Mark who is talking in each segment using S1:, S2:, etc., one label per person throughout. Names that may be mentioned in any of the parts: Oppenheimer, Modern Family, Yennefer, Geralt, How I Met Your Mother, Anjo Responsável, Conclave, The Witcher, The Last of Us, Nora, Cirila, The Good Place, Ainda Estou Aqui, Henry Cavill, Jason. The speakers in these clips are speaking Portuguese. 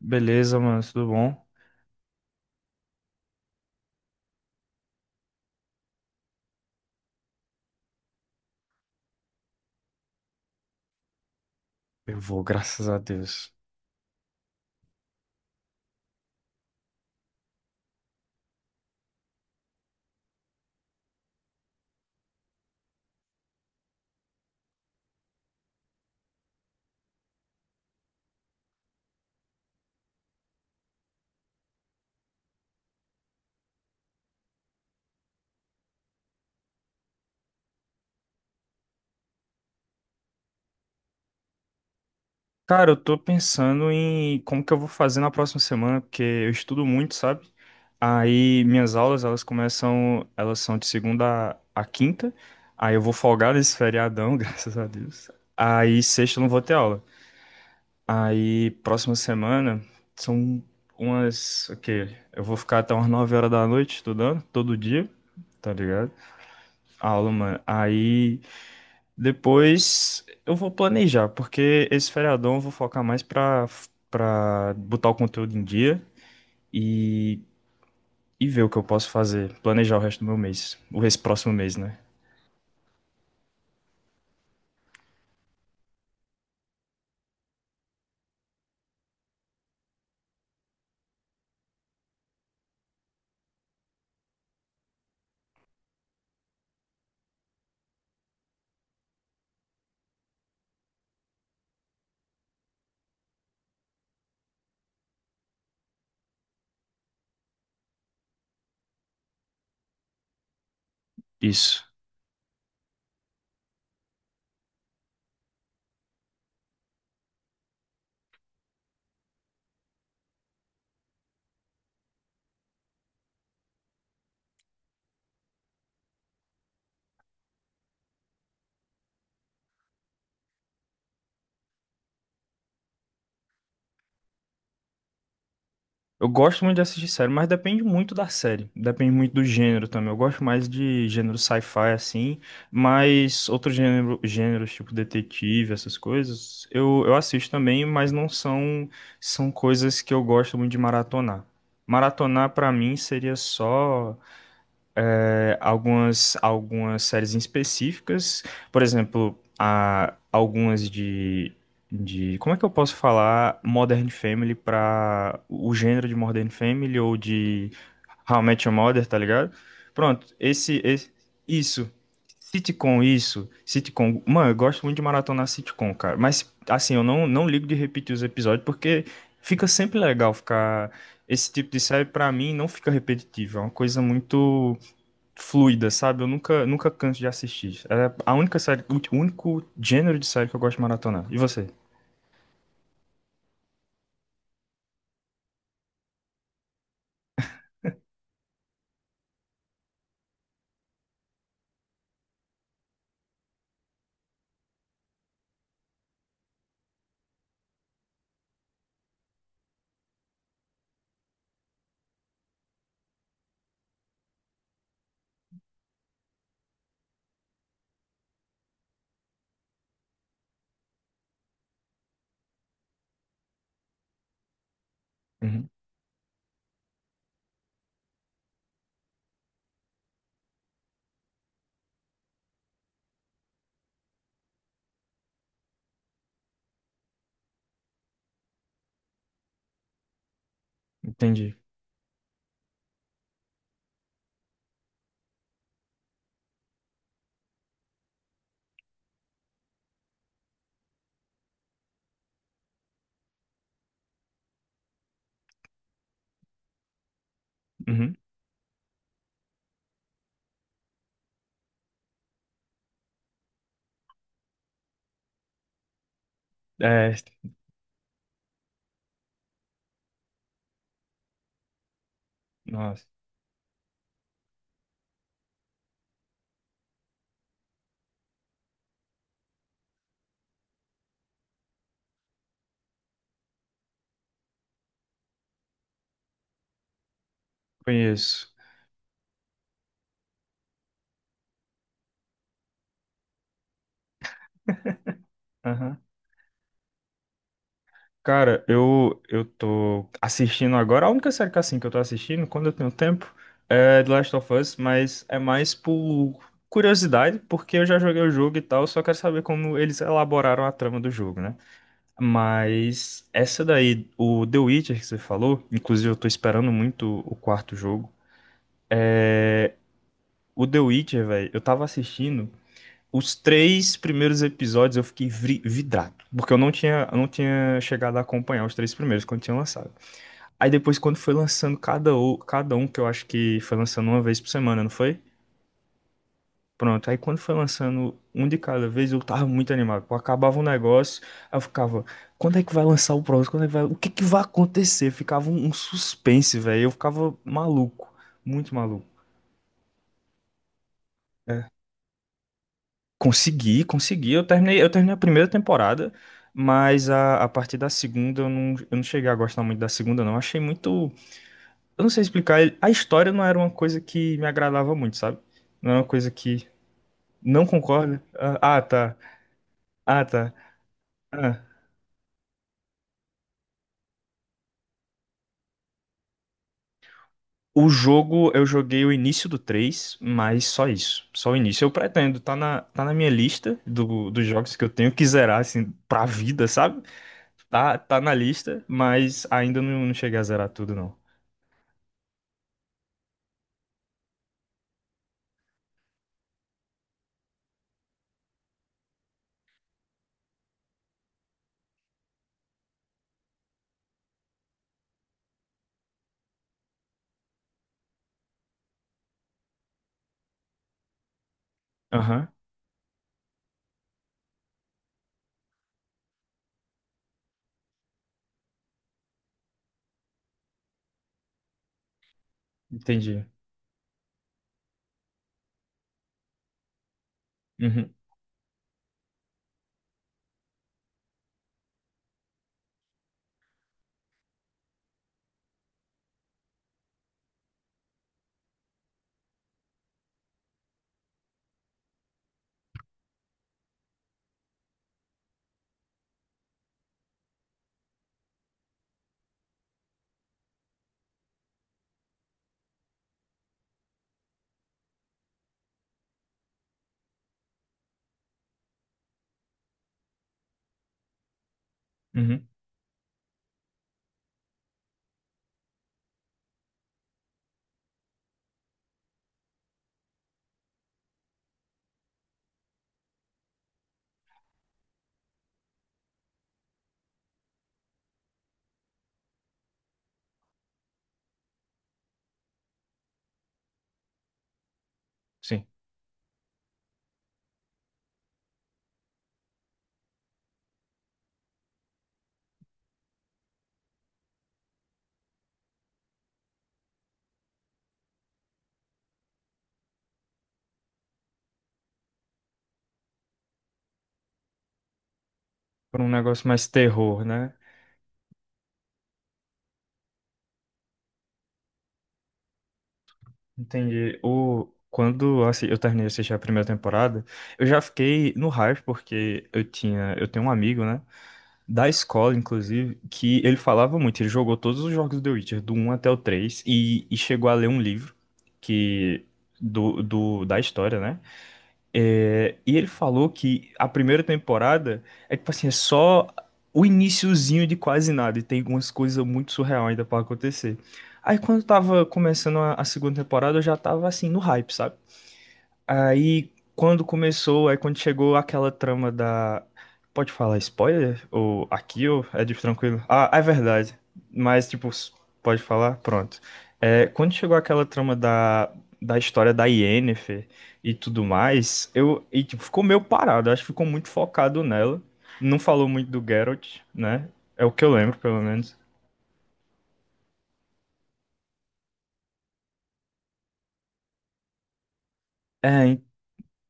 S1: Beleza, mano, tudo bom? Eu vou, graças a Deus. Cara, eu tô pensando em como que eu vou fazer na próxima semana, porque eu estudo muito, sabe? Aí minhas aulas, elas são de segunda a quinta. Aí eu vou folgar nesse feriadão, graças a Deus. Aí sexta eu não vou ter aula. Aí próxima semana são ok, eu vou ficar até umas 9 horas da noite estudando todo dia, tá ligado? A aula, mano. Aí, depois eu vou planejar, porque esse feriadão eu vou focar mais pra botar o conteúdo em dia e, e ver o que eu posso fazer. Planejar o resto do meu mês. O esse próximo mês, né? Isso. Eu gosto muito de assistir série, mas depende muito da série. Depende muito do gênero também. Eu gosto mais de gênero sci-fi, assim, mas outros gêneros, tipo detetive, essas coisas, eu assisto também, mas não são, são coisas que eu gosto muito de maratonar. Maratonar, pra mim, seria só algumas séries em específicas, por exemplo, algumas de. Como é que eu posso falar Modern Family para o gênero de Modern Family ou de How I Met Your Mother, tá ligado? Pronto, esse isso. Sitcom, isso. Sitcom. Mano, eu gosto muito de maratonar sitcom, cara. Mas, assim, eu não ligo de repetir os episódios porque fica sempre legal ficar. Esse tipo de série, pra mim, não fica repetitivo. É uma coisa muito fluida, sabe? Eu nunca, nunca canso de assistir. É a única série, o único gênero de série que eu gosto de maratonar. E você? Uhum, entendi. Uhum. É, nossa, conheço. Aham. Cara, eu tô assistindo agora. A única série que, assim, que eu tô assistindo, quando eu tenho tempo, é The Last of Us, mas é mais por curiosidade, porque eu já joguei o jogo e tal, só quero saber como eles elaboraram a trama do jogo, né? Mas essa daí, o The Witcher que você falou, inclusive eu tô esperando muito o quarto jogo. é, O The Witcher, velho, eu tava assistindo os três primeiros episódios, eu fiquei vidrado, porque eu não tinha chegado a acompanhar os três primeiros quando tinha lançado. Aí depois, quando foi lançando cada um, que eu acho que foi lançando uma vez por semana, não foi? Pronto, aí quando foi lançando um de cada vez, eu tava muito animado. Pô, acabava um negócio, aí eu ficava, quando é que vai lançar o próximo? Quando é que vai... O que que vai acontecer? Ficava um suspense, velho. Eu ficava maluco, muito maluco. É. Consegui, consegui. Eu terminei a primeira temporada, mas a partir da segunda eu não cheguei a gostar muito da segunda, não. Achei muito. Eu não sei explicar. A história não era uma coisa que me agradava muito, sabe? Não era uma coisa que. Não concorda? Ah, tá. Ah, tá. Ah. O jogo, eu joguei o início do 3, mas só isso. Só o início. Eu pretendo, tá na minha lista dos jogos que eu tenho que zerar, assim, pra vida, sabe? Tá, tá na lista, mas ainda não cheguei a zerar tudo, não. Aham, entendi. Uhum, uhum, sim. Por um negócio mais terror, né? Entendi. Quando assim, eu terminei de assistir a primeira temporada, eu já fiquei no hype, porque eu tenho um amigo, né? Da escola, inclusive, que ele falava muito. Ele jogou todos os jogos do The Witcher, do um até o 3 e chegou a ler um livro que da história, né? É, e ele falou que a primeira temporada é tipo assim, é só o iniciozinho de quase nada, e tem umas coisas muito surreal ainda pra acontecer. Aí quando tava começando a segunda temporada, eu já tava assim no hype, sabe? Aí quando começou, aí quando chegou aquela trama da. Pode falar spoiler? Ou aqui, ou é de tranquilo? Ah, é verdade. Mas, tipo, pode falar? Pronto. É, quando chegou aquela trama da história da Yennefer e tudo mais, eu. E, tipo, ficou meio parado. Acho que ficou muito focado nela. Não falou muito do Geralt, né? É o que eu lembro, pelo menos. É,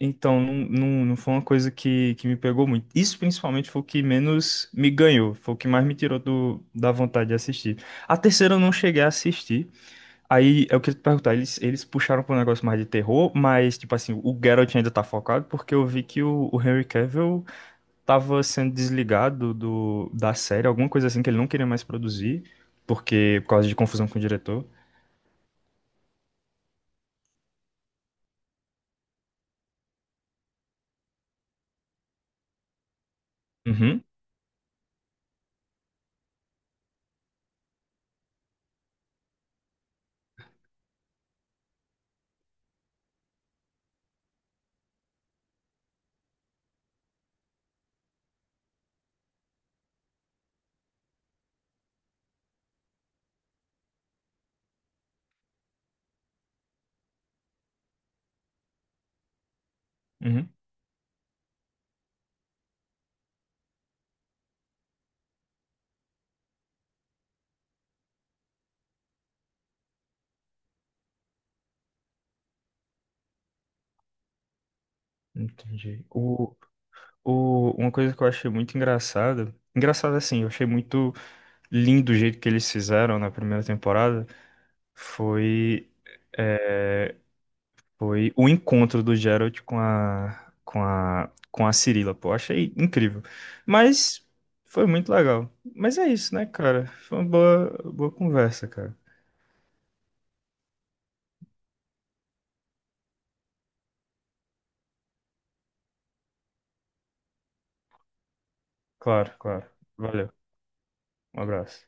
S1: então, não foi uma coisa que me pegou muito. Isso principalmente foi o que menos me ganhou, foi o que mais me tirou da vontade de assistir. A terceira eu não cheguei a assistir. Aí eu queria te perguntar, eles puxaram para um negócio mais de terror, mas tipo assim, o Geralt ainda tá focado, porque eu vi que o Henry Cavill tava sendo desligado da série, alguma coisa assim que ele não queria mais produzir, porque por causa de confusão com o diretor. Uhum, uhum, entendi. Uma coisa que eu achei muito engraçada, engraçada assim, eu achei muito lindo o jeito que eles fizeram na primeira temporada, foi o encontro do Geralt com a Cirila, pô, achei incrível. Mas foi muito legal. Mas é isso, né, cara? Foi uma boa conversa, cara. Claro, claro. Valeu. Um abraço.